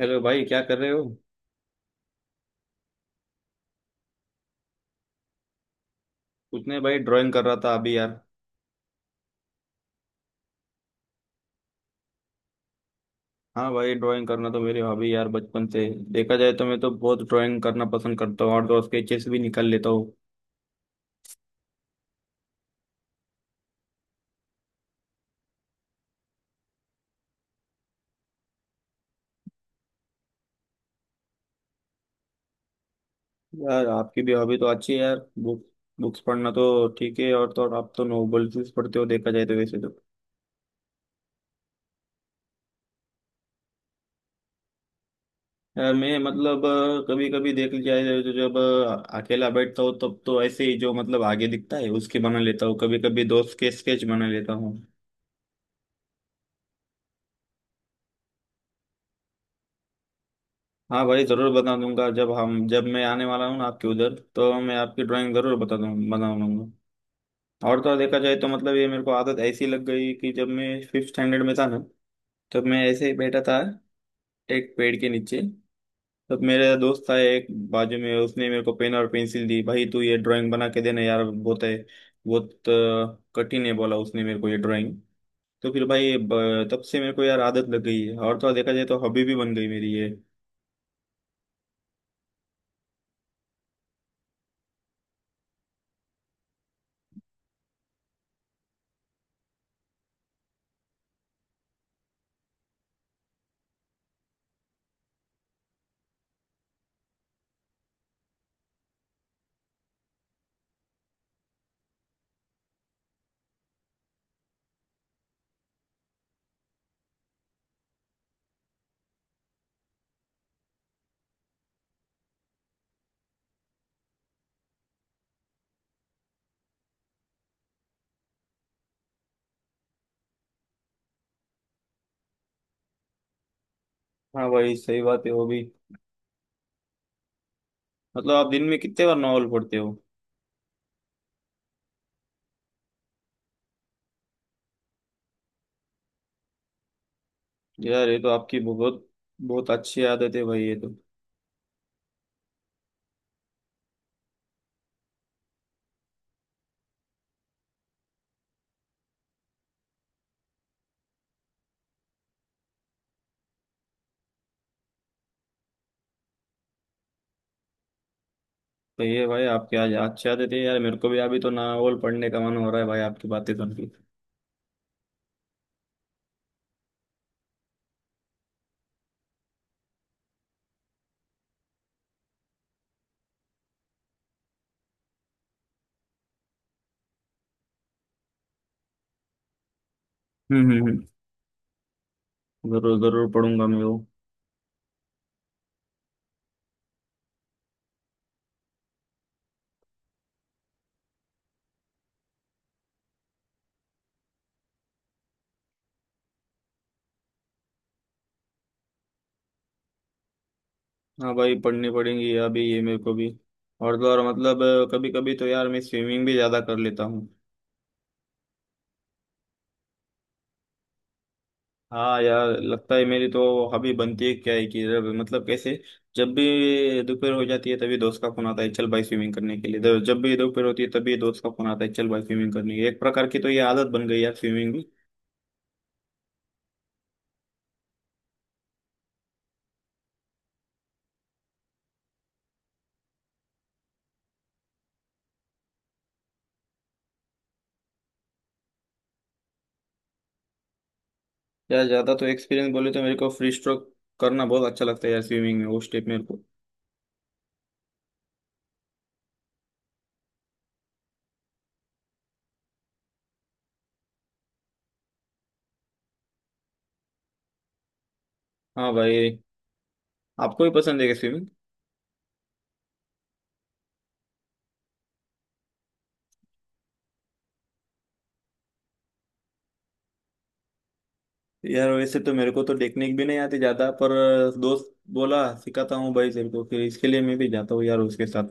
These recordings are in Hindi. हेलो भाई क्या कर रहे हो। कुछ नहीं भाई ड्राइंग कर रहा था अभी यार। हाँ भाई ड्राइंग करना तो मेरी हॉबी यार बचपन से। देखा जाए तो मैं तो बहुत ड्राइंग करना पसंद करता हूँ और तो स्केचेस भी निकाल लेता हूँ। यार आपकी भी हॉबी तो अच्छी है यार। बुक बुक्स पढ़ना तो ठीक है और तो और आप तो नोवेल्स पढ़ते हो देखा जाए तो वैसे तो। यार मैं मतलब कभी कभी देख लिया जाए तो जब अकेला बैठता हूँ तब तो ऐसे ही जो मतलब आगे दिखता है उसके बना लेता हूँ कभी कभी दोस्त के स्केच बना लेता हूँ। हाँ भाई ज़रूर बता दूंगा जब हम जब मैं आने वाला हूँ ना आपके उधर तो मैं आपकी ड्राइंग ज़रूर बता दूँ बना दूंगा। और तो और देखा जाए तो मतलब ये मेरे को आदत ऐसी लग गई कि जब मैं फिफ्थ स्टैंडर्ड में था ना तब मैं ऐसे ही बैठा था एक पेड़ के नीचे। तब मेरा दोस्त था एक बाजू में उसने मेरे को पेन और पेंसिल दी भाई तू ये ड्राइंग बना के देना यार बहुत है। बहुत कठिन है बोला उसने मेरे को ये ड्राइंग। तो फिर भाई तब से मेरे को यार आदत लग गई है और तो और देखा जाए तो हॉबी भी बन गई मेरी ये। हाँ भाई सही बात है हॉबी। मतलब आप दिन में कितने बार नॉवल पढ़ते हो। यार ये तो आपकी बहुत बहुत अच्छी आदत है भाई ये तो। भाई ये भाई आपकी आज अच्छी आदत है यार मेरे को भी अभी तो नॉवल पढ़ने का मन हो रहा है भाई आपकी बातें सुन के। हम्म हम्म हम्म। जरूर जरूर पढ़ूंगा मैं वो। हाँ भाई पढ़नी पड़ेंगी अभी ये मेरे को भी। और तो और मतलब कभी कभी तो यार मैं स्विमिंग भी ज्यादा कर लेता हूँ। हाँ यार लगता है मेरी तो हॉबी बनती है क्या है कि जब मतलब कैसे। जब भी दोपहर हो जाती है तभी दोस्त का फोन आता है चल भाई स्विमिंग करने के लिए तो जब भी दोपहर होती है तभी दोस्त का फोन आता है चल भाई स्विमिंग करने के लिए। एक प्रकार की तो ये आदत बन गई यार स्विमिंग की। यार ज्यादा तो एक्सपीरियंस बोले तो मेरे को फ्री स्ट्रोक करना बहुत अच्छा लगता है यार स्विमिंग में वो स्टेप मेरे को। हाँ भाई। आपको भी पसंद है क्या स्विमिंग? यार वैसे तो मेरे को तो टेक्निक भी नहीं आती ज्यादा पर दोस्त बोला सिखाता हूँ भाई तेरे को फिर इसके लिए मैं भी जाता हूँ यार उसके साथ।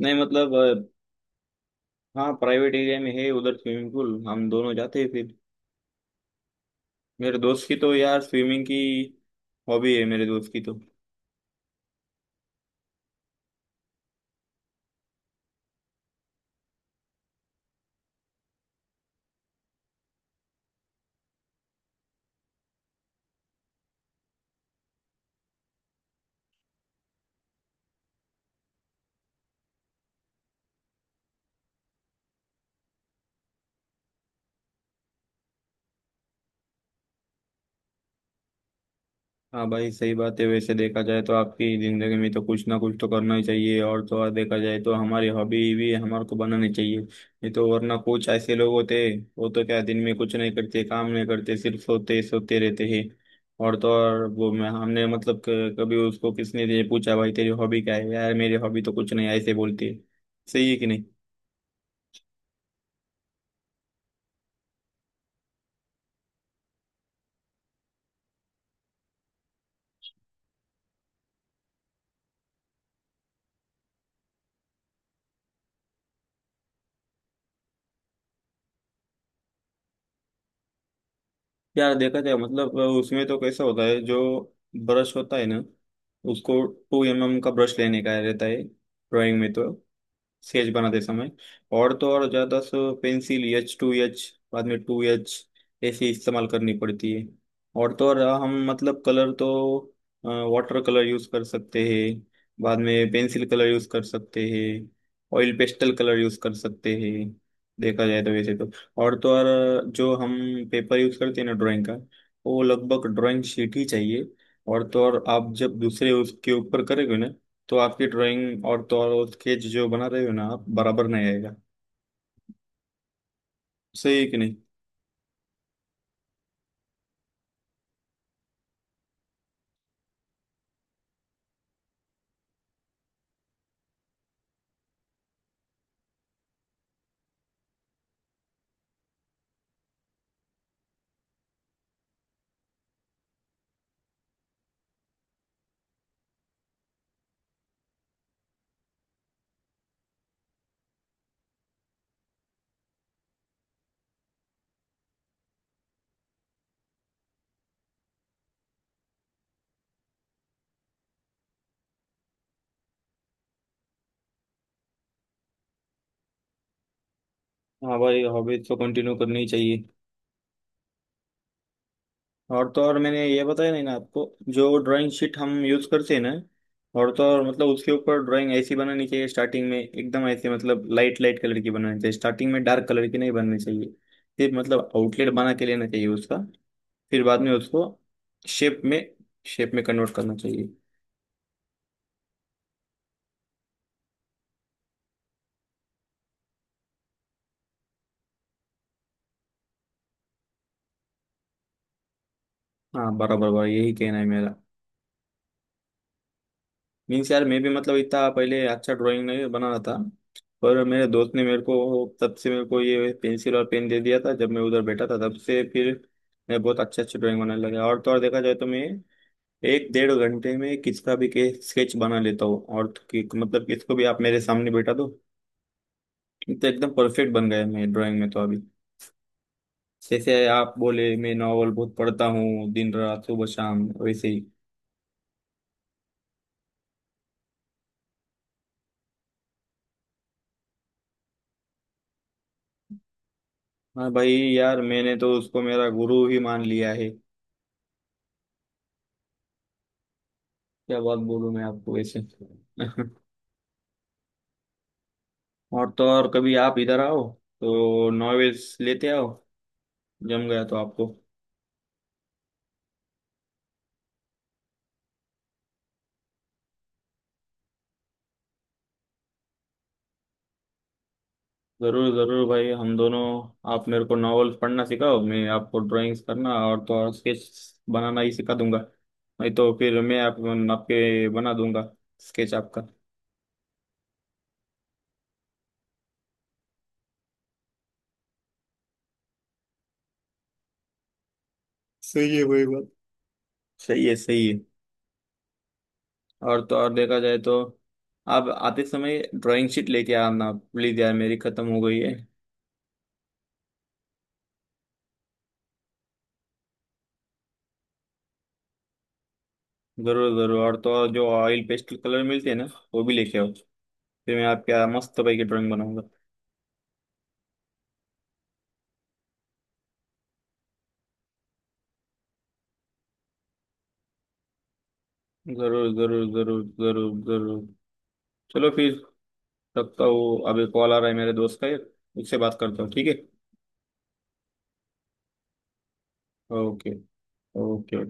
नहीं मतलब। हाँ प्राइवेट एरिया में है उधर स्विमिंग पूल हम दोनों जाते हैं फिर। मेरे दोस्त की तो यार स्विमिंग की हॉबी है मेरे दोस्त की तो। हाँ भाई सही बात है वैसे देखा जाए तो आपकी जिंदगी में तो कुछ ना कुछ तो करना ही चाहिए और तो और देखा जाए तो हमारी हॉबी भी हमारे को बनानी चाहिए नहीं तो वरना कुछ ऐसे लोग होते हैं वो तो क्या दिन में कुछ नहीं करते काम नहीं करते सिर्फ सोते सोते रहते हैं। और तो और वो मैं हमने मतलब कभी उसको किसने ये पूछा भाई तेरी हॉबी क्या है यार मेरी हॉबी तो कुछ नहीं ऐसे बोलती है। सही है कि नहीं। यार देखा जाए मतलब उसमें तो कैसा होता है जो ब्रश होता है ना उसको 2 mm का ब्रश लेने का रहता है ड्राइंग में तो स्केच बनाते समय। और तो और ज्यादा so pencil H two H बाद में टू एच ऐसे इस्तेमाल करनी पड़ती है। और तो और हम मतलब कलर तो वाटर कलर यूज कर सकते हैं बाद में पेंसिल कलर यूज कर सकते हैं ऑयल पेस्टल कलर यूज कर सकते हैं देखा जाए तो वैसे तो। और तो और जो हम पेपर यूज करते हैं ना ड्राइंग का वो लगभग ड्राइंग शीट ही चाहिए। और तो और आप जब दूसरे उसके ऊपर करेंगे ना तो आपकी ड्राइंग और तो और स्केच जो बना रहे हो ना आप बराबर नहीं आएगा। सही है कि नहीं। हाँ भाई हॉबी तो कंटिन्यू करनी ही चाहिए। और तो और मैंने ये बताया नहीं ना आपको जो ड्राइंग शीट हम यूज करते हैं ना और तो और मतलब उसके ऊपर ड्राइंग ऐसी बनानी चाहिए स्टार्टिंग में एकदम ऐसे मतलब लाइट लाइट कलर की बनानी चाहिए स्टार्टिंग में डार्क कलर की नहीं बननी चाहिए। फिर मतलब आउटलेट बना के लेना चाहिए उसका फिर बाद में उसको शेप में शेप में कन्वर्ट करना चाहिए। हाँ बराबर बराबर यही कहना है मेरा। मीन्स यार मैं भी मतलब इतना पहले अच्छा ड्राइंग नहीं बना रहा था पर मेरे दोस्त ने मेरे को तब से मेरे को ये पेंसिल और पेन दे दिया था जब मैं उधर बैठा था तब से फिर मैं बहुत अच्छे अच्छे ड्राइंग बनाने लगा। और तो और देखा जाए तो मैं एक डेढ़ घंटे में किसका भी के स्केच बना लेता हूँ और तो मतलब किसको भी आप मेरे सामने बैठा दो। तो एकदम परफेक्ट बन गया मैं ड्राइंग में तो अभी जैसे आप बोले मैं नॉवल बहुत पढ़ता हूँ दिन रात सुबह शाम वैसे ही। हाँ भाई यार मैंने तो उसको मेरा गुरु ही मान लिया है। क्या बात बोलूं मैं आपको वैसे और तो और कभी आप इधर आओ तो नॉवेल्स लेते आओ जम गया तो आपको। जरूर जरूर भाई हम दोनों आप मेरे को नॉवेल्स पढ़ना सिखाओ मैं आपको ड्राइंग्स करना और तो और स्केच बनाना ही सिखा दूंगा। नहीं तो फिर मैं आपके बना दूंगा स्केच आपका। सही है वही बात सही है सही है। और तो और देखा जाए तो आप आते समय ड्राइंग शीट लेके आना प्लीज यार मेरी खत्म हो गई है। जरूर जरूर और तो और जो ऑयल पेस्टल कलर मिलते हैं ना वो भी लेके आओ फिर मैं आपके यहाँ मस्त भाई की ड्राइंग बनाऊंगा। जरूर जरूर जरूर जरूर जरूर। चलो फिर रखता हूँ अभी कॉल आ रहा है मेरे दोस्त का एक उससे बात करता हूँ ठीक है। ओके। ओके।